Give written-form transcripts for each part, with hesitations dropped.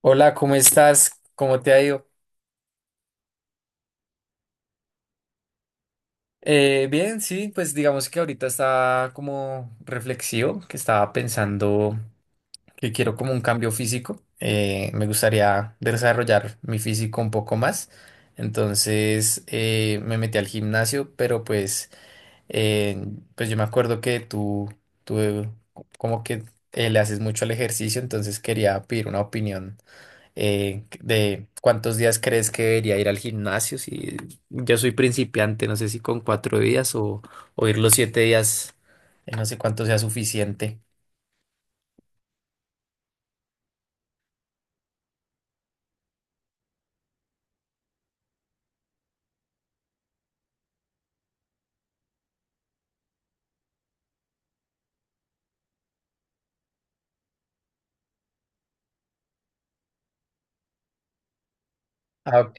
Hola, ¿cómo estás? ¿Cómo te ha ido? Bien, sí, pues digamos que ahorita está como reflexivo, que estaba pensando que quiero como un cambio físico. Me gustaría desarrollar mi físico un poco más. Entonces me metí al gimnasio, pero pues, eh, yo me acuerdo que tú como que le haces mucho al ejercicio, entonces quería pedir una opinión de cuántos días crees que debería ir al gimnasio. Si yo soy principiante, no sé si con 4 días o, ir los 7 días, no sé cuánto sea suficiente. Ah, ok.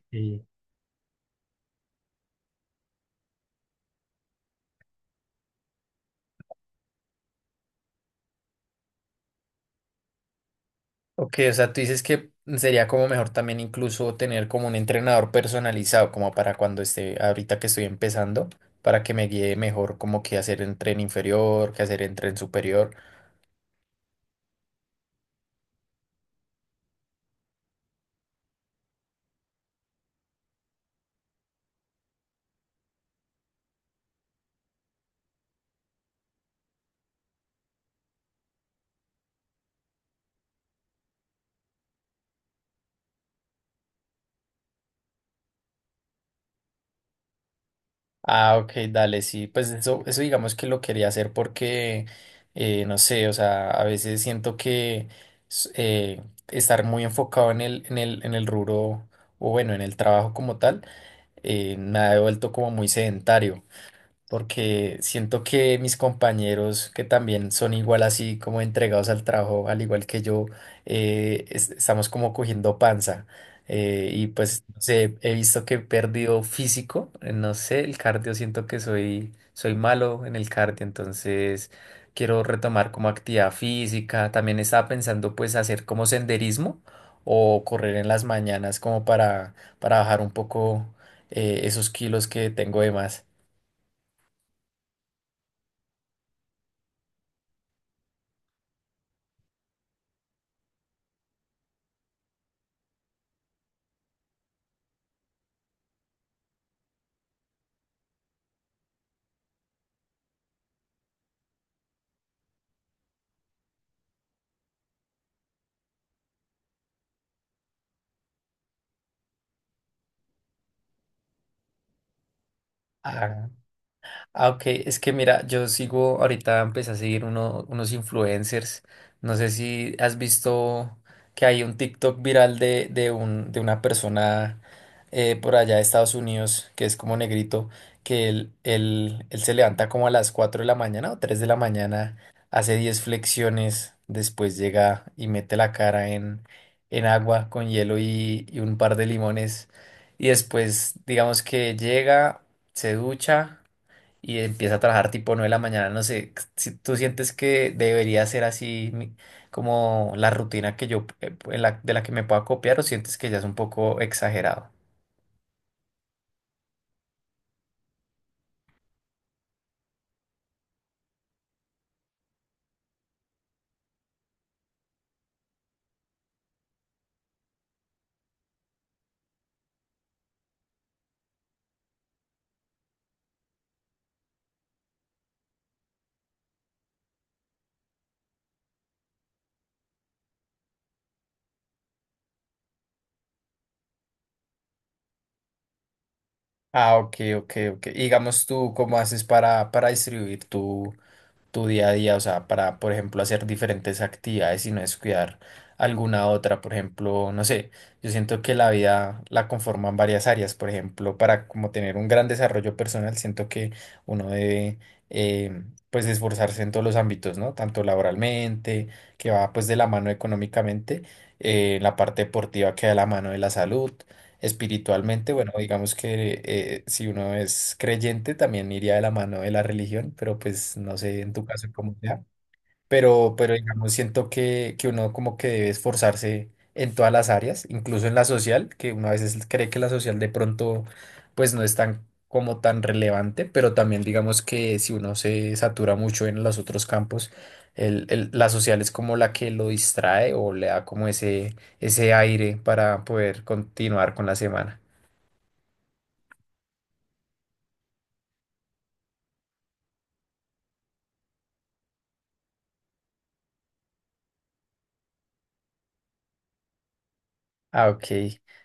Ok, o sea, tú dices que sería como mejor también incluso tener como un entrenador personalizado, como para cuando esté, ahorita que estoy empezando, para que me guíe mejor como qué hacer en tren inferior, qué hacer en tren superior. Ah, ok, dale, sí, pues eso digamos que lo quería hacer porque, no sé, o sea, a veces siento que s- eh, estar muy enfocado en el rubro o bueno, en el trabajo como tal, me ha vuelto como muy sedentario porque siento que mis compañeros que también son igual así como entregados al trabajo, al igual que yo, estamos como cogiendo panza. Y pues no sé, he visto que he perdido físico, no sé, el cardio, siento que soy malo en el cardio, entonces quiero retomar como actividad física. También estaba pensando pues hacer como senderismo o correr en las mañanas como para bajar un poco esos kilos que tengo de más. Ah, ok, es que mira, yo sigo, ahorita empecé a seguir unos influencers. No sé si has visto que hay un TikTok viral de, de una persona por allá de Estados Unidos, que es como negrito, que él se levanta como a las 4 de la mañana o 3 de la mañana, hace 10 flexiones, después llega y mete la cara en, agua con hielo y un par de limones, y después digamos que llega, se ducha y empieza a trabajar tipo 9 de la mañana, no sé, si tú sientes que debería ser así como la rutina que yo, de la que me pueda copiar o sientes que ya es un poco exagerado. Ah, ok, ok, ok. Y digamos tú, ¿cómo haces para, distribuir tú tu día a día, o sea, para, por ejemplo, hacer diferentes actividades y no descuidar alguna otra, por ejemplo, no sé, yo siento que la vida la conforman varias áreas, por ejemplo, para como tener un gran desarrollo personal, siento que uno debe, eh, pues, esforzarse en todos los ámbitos, ¿no? Tanto laboralmente, que va, pues, de la mano económicamente, la parte deportiva que va de la mano de la salud. Espiritualmente, bueno, digamos que si uno es creyente también iría de la mano de la religión, pero pues no sé en tu caso cómo sea, pero, digamos, siento que, uno como que debe esforzarse en todas las áreas, incluso en la social, que uno a veces cree que la social de pronto pues no es tan como tan relevante, pero también digamos que si uno se satura mucho en los otros campos, la social es como la que lo distrae o le da como ese aire para poder continuar con la semana. Ah, ok.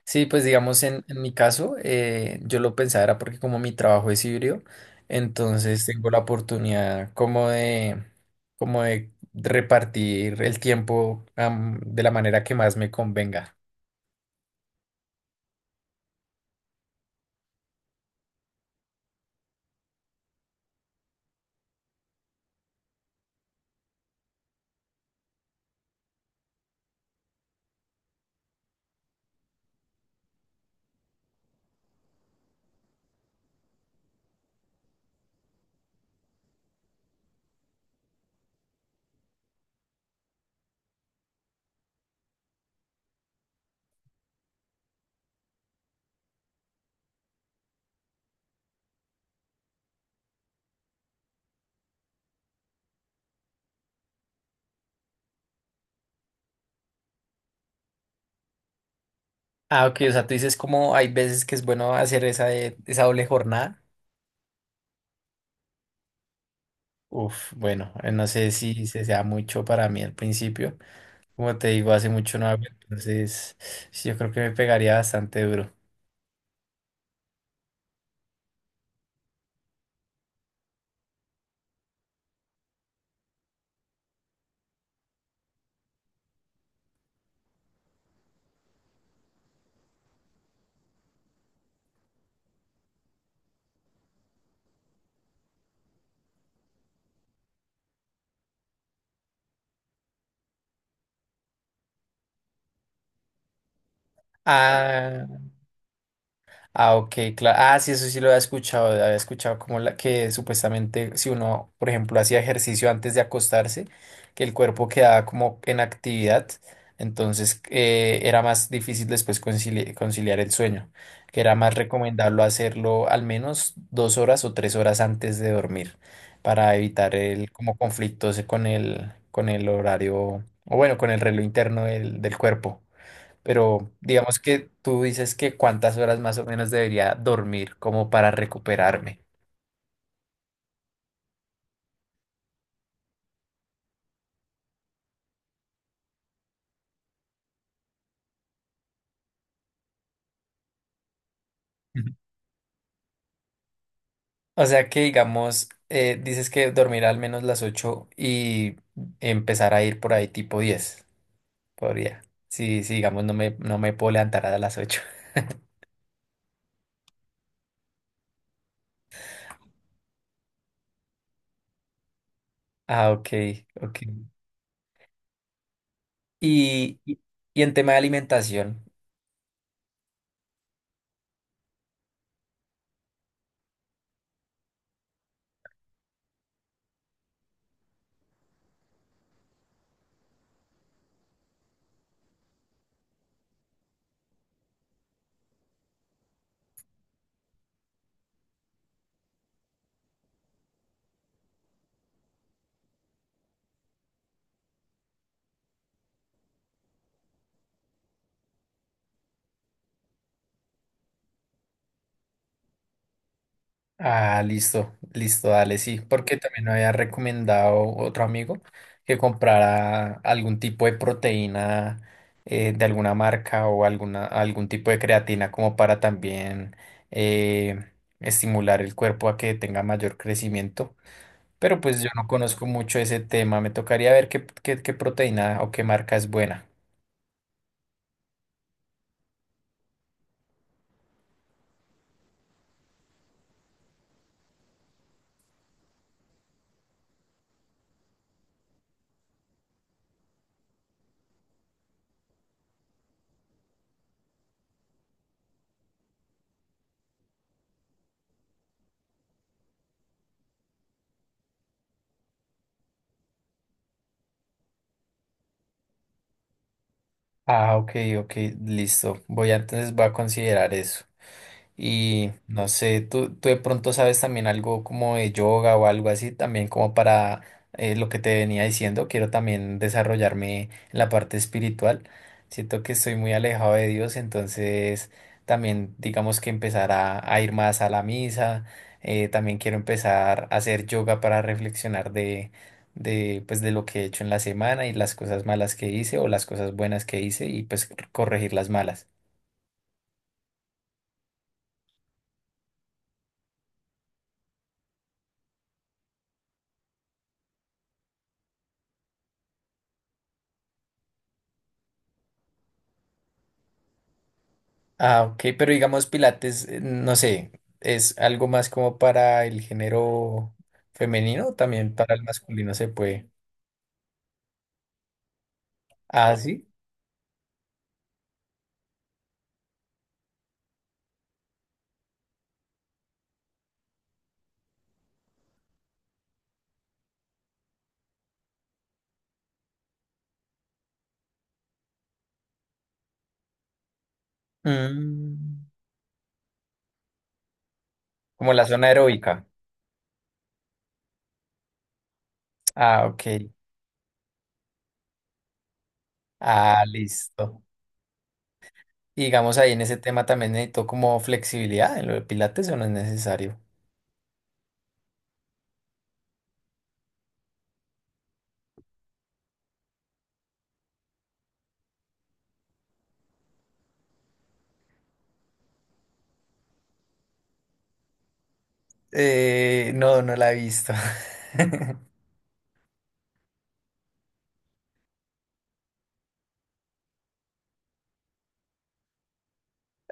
Sí, pues digamos en, mi caso, yo lo pensaba era porque como mi trabajo es híbrido, entonces tengo la oportunidad como de, repartir el tiempo, de la manera que más me convenga. Ah, ok, o sea, tú dices como hay veces que es bueno hacer esa doble jornada. Uf, bueno, no sé si se sea mucho para mí al principio. Como te digo, hace mucho no hago, entonces sí, yo creo que me pegaría bastante duro. Ah, Ah, ok, claro. Ah, sí, eso sí lo había escuchado. Había escuchado como la que supuestamente si uno, por ejemplo, hacía ejercicio antes de acostarse, que el cuerpo quedaba como en actividad, entonces era más difícil después conciliar el sueño, que era más recomendable hacerlo al menos 2 horas o 3 horas antes de dormir para evitar el como conflictos con el, horario, o bueno, con el reloj interno del cuerpo. Pero digamos que tú dices que cuántas horas más o menos debería dormir como para recuperarme. Ujú. O sea que digamos, dices que dormir al menos las 8 y empezar a ir por ahí tipo 10. Podría. Sí, sí, digamos, no me puedo levantar a las 8. Ah, ok, ok. Y, y en tema de alimentación. Ah, listo, listo, dale, sí, porque también me había recomendado otro amigo que comprara algún tipo de proteína de alguna marca o algún tipo de creatina como para también eh, estimular el cuerpo a que tenga mayor crecimiento. Pero pues yo no conozco mucho ese tema, me tocaría ver qué, qué proteína o qué marca es buena. Ah, ok, ok, listo. Entonces voy a considerar eso. Y no sé, tú de pronto sabes también algo como de yoga o algo así, también como para lo que te venía diciendo, quiero también desarrollarme en la parte espiritual. Siento que estoy muy alejado de Dios, entonces también digamos que empezar a ir más a la misa, también quiero empezar a hacer yoga para reflexionar pues, de lo que he hecho en la semana y las cosas malas que hice o las cosas buenas que hice y pues corregir las malas. Ah, ok, pero digamos Pilates, no sé, ¿es algo más como para el género femenino? O también para el masculino se puede. Ah, sí. Mm, como la zona aeróbica. Ah, ok. Ah, listo. Y digamos ahí en ese tema también necesito como flexibilidad en lo de Pilates o no es necesario. No, no la he visto.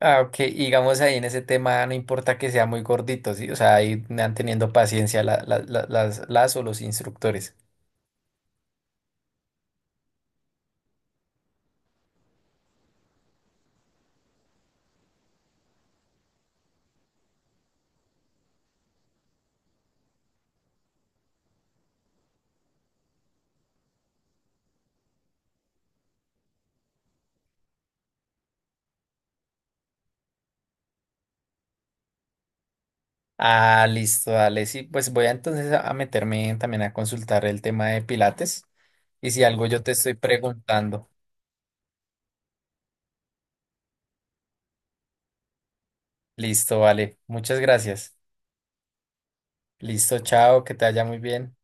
Ah, ok, y digamos ahí en ese tema no importa que sea muy gordito, ¿sí? O sea, ahí van teniendo paciencia las o los instructores. Ah, listo, dale. Sí, pues voy a, entonces a meterme en- también a consultar el tema de Pilates. Y si algo yo te estoy preguntando. Listo, vale. Muchas gracias. Listo, chao, que te vaya muy bien.